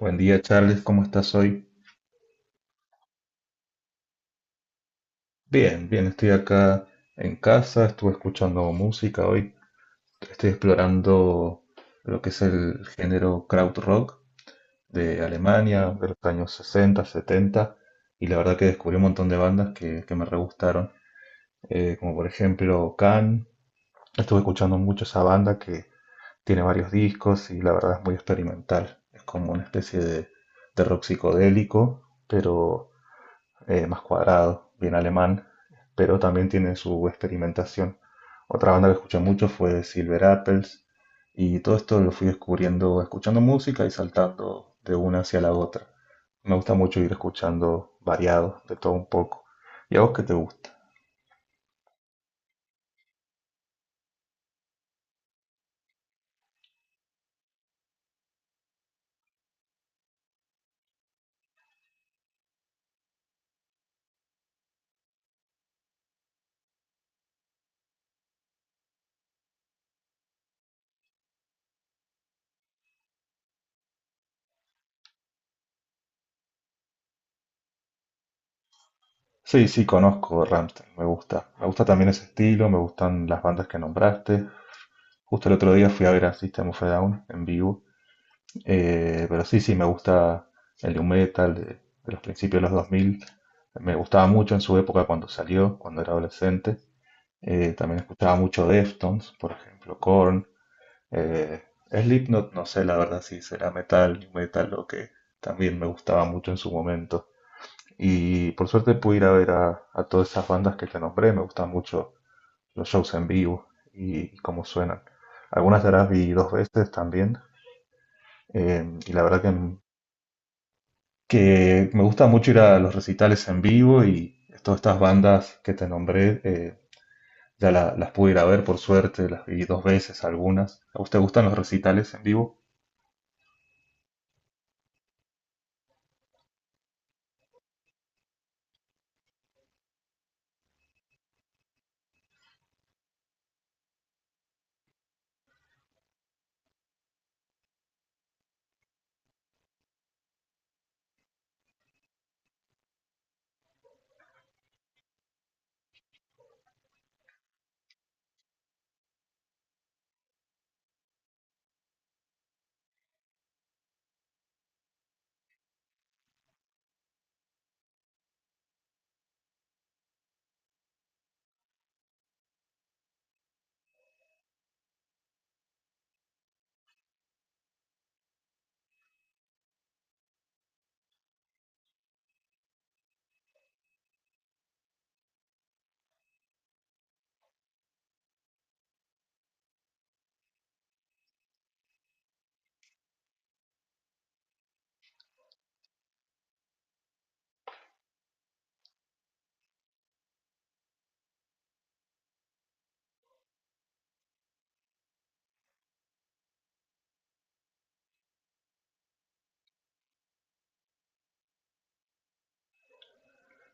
Buen día, Charles, ¿cómo estás hoy? Bien, bien, estoy acá en casa, estuve escuchando música hoy, estoy explorando lo que es el género krautrock de Alemania, de los años 60, 70, y la verdad que descubrí un montón de bandas que me re gustaron, como por ejemplo Can, estuve escuchando mucho esa banda que tiene varios discos y la verdad es muy experimental, es como una especie de rock psicodélico, pero más cuadrado, bien alemán, pero también tiene su experimentación. Otra banda que escuché mucho fue Silver Apples, y todo esto lo fui descubriendo escuchando música y saltando de una hacia la otra. Me gusta mucho ir escuchando variado, de todo un poco. ¿Y a vos qué te gusta? Sí, sí, conozco Rammstein, me gusta. Me gusta también ese estilo, me gustan las bandas que nombraste. Justo el otro día fui a ver a System of a Down en vivo. Pero sí, sí, me gusta el new metal de los principios de los 2000. Me gustaba mucho en su época cuando salió, cuando era adolescente. También escuchaba mucho Deftones, por ejemplo, Korn. Eh, Slipknot, no sé la verdad si será metal, new metal, lo que también me gustaba mucho en su momento. Y por suerte pude ir a ver a todas esas bandas que te nombré. Me gustan mucho los shows en vivo y cómo suenan. Algunas de las vi dos veces también. Y la verdad que que me gusta mucho ir a los recitales en vivo y todas estas bandas que te nombré, ya las pude ir a ver por suerte, las vi dos veces algunas. ¿A usted gustan los recitales en vivo?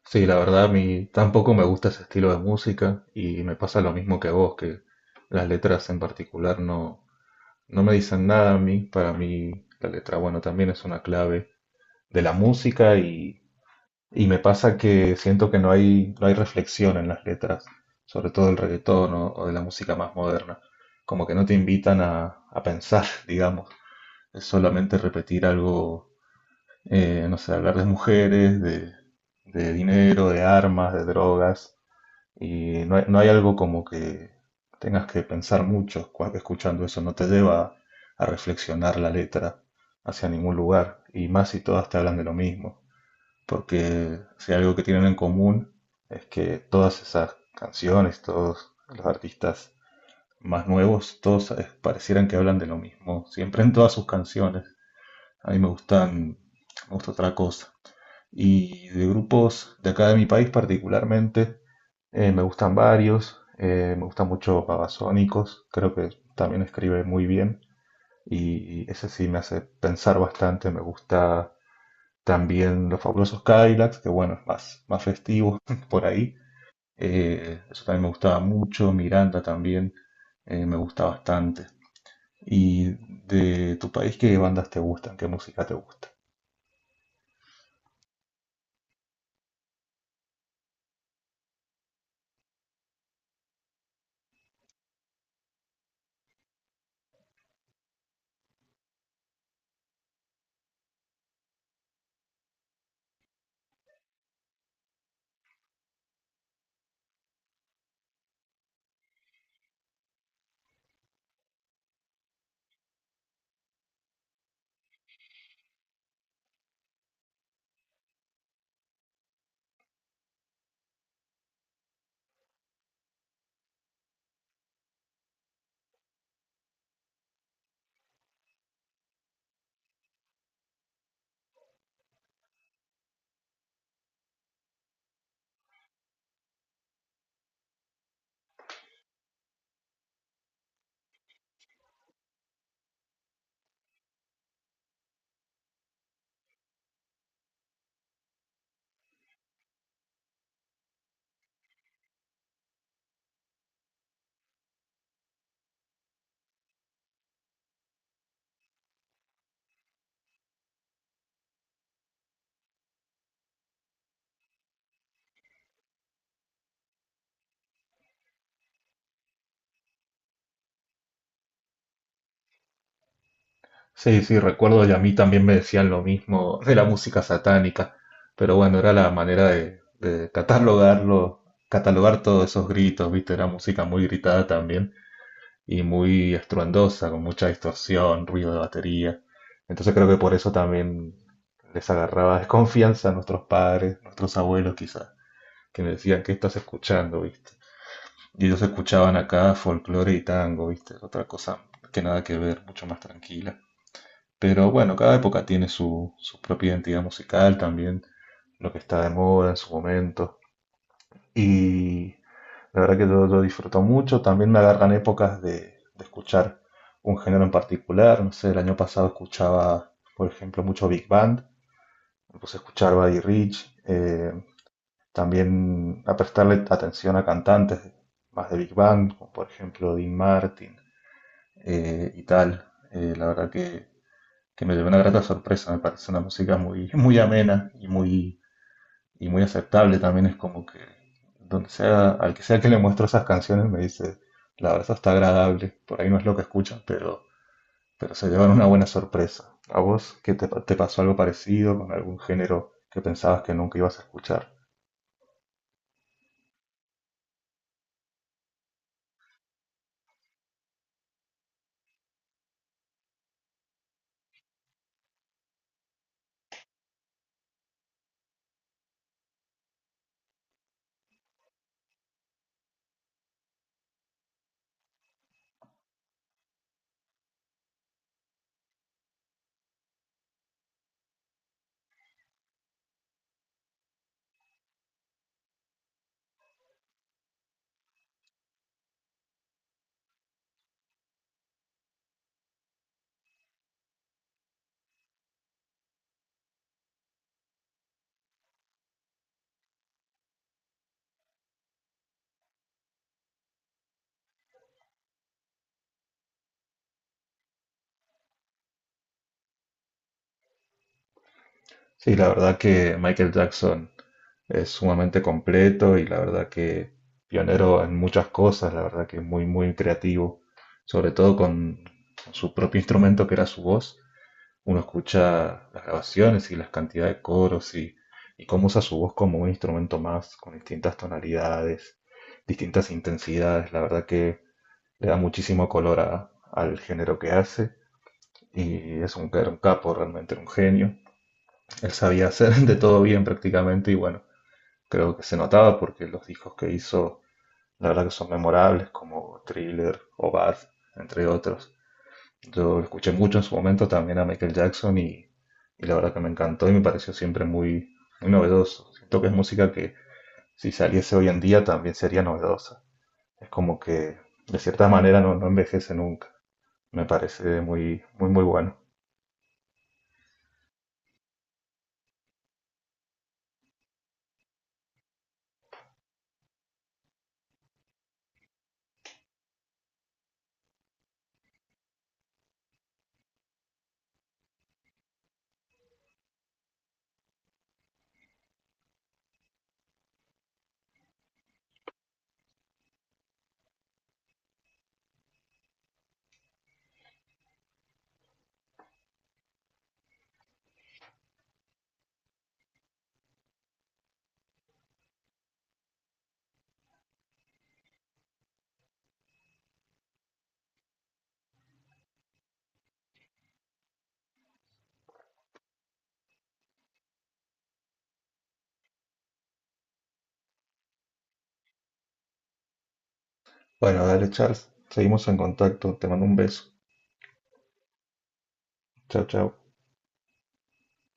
Sí, la verdad a mí tampoco me gusta ese estilo de música y me pasa lo mismo que a vos, que las letras en particular no me dicen nada a mí. Para mí la letra, bueno, también es una clave de la música y me pasa que siento que no hay reflexión en las letras, sobre todo del reggaetón o de la música más moderna. Como que no te invitan a pensar, digamos. Es solamente repetir algo, no sé, hablar de mujeres, de dinero, de armas, de drogas. Y no hay algo como que tengas que pensar mucho escuchando eso. No te lleva a reflexionar la letra hacia ningún lugar. Y más si todas te hablan de lo mismo porque si algo que tienen en común es que todas esas canciones, todos los artistas más nuevos, todos parecieran que hablan de lo mismo, siempre en todas sus canciones. A mí me gusta otra cosa. Y de grupos de acá de mi país particularmente, me gustan varios, me gusta mucho Babasónicos, creo que también escribe muy bien y ese sí me hace pensar bastante, me gusta también los fabulosos Cadillacs, que bueno, es más festivo por ahí. Eso también me gustaba mucho. Miranda también me gusta bastante. ¿Y de tu país qué bandas te gustan? ¿Qué música te gusta? Sí, sí, recuerdo y a mí también me decían lo mismo de la música satánica, pero bueno, era la manera de catalogar todos esos gritos, ¿viste? Era música muy gritada también. Y muy estruendosa, con mucha distorsión, ruido de batería. Entonces creo que por eso también les agarraba desconfianza a nuestros padres, nuestros abuelos quizás, que me decían, ¿qué estás escuchando? ¿Viste? Y ellos escuchaban acá folclore y tango, ¿viste? Otra cosa que nada que ver, mucho más tranquila. Pero bueno, cada época tiene su propia identidad musical también, lo que está de moda en su momento. Y la verdad que yo lo disfruto mucho. También me agarran épocas de escuchar un género en particular. No sé, el año pasado escuchaba, por ejemplo, mucho Big Band. Me puse a escuchar Buddy Rich. También a prestarle atención a cantantes más de Big Band, como por ejemplo Dean Martin, y tal. La verdad que me llevé una grata sorpresa. Me parece una música muy, muy amena y muy aceptable también. Es como que donde sea, al que sea que le muestro esas canciones me dice, la verdad eso está agradable, por ahí no es lo que escuchan, pero se llevan una buena sorpresa. ¿A vos qué te pasó algo parecido con algún género que pensabas que nunca ibas a escuchar? Sí, la verdad que Michael Jackson es sumamente completo y la verdad que pionero en muchas cosas, la verdad que muy, muy creativo, sobre todo con su propio instrumento que era su voz. Uno escucha las grabaciones y las cantidades de coros y cómo usa su voz como un instrumento más, con distintas tonalidades, distintas intensidades. La verdad que le da muchísimo color al género que hace y es era un capo, realmente era un genio. Él sabía hacer de todo bien prácticamente y bueno, creo que se notaba porque los discos que hizo, la verdad que son memorables como Thriller o Bad, entre otros. Yo lo escuché mucho en su momento también a Michael Jackson y la verdad que me encantó y me pareció siempre muy, muy novedoso. Siento que es música que si saliese hoy en día también sería novedosa. Es como que de cierta manera no envejece nunca. Me parece muy, muy, muy bueno. Bueno, dale Charles, seguimos en contacto. Te mando un beso. Chao, chao.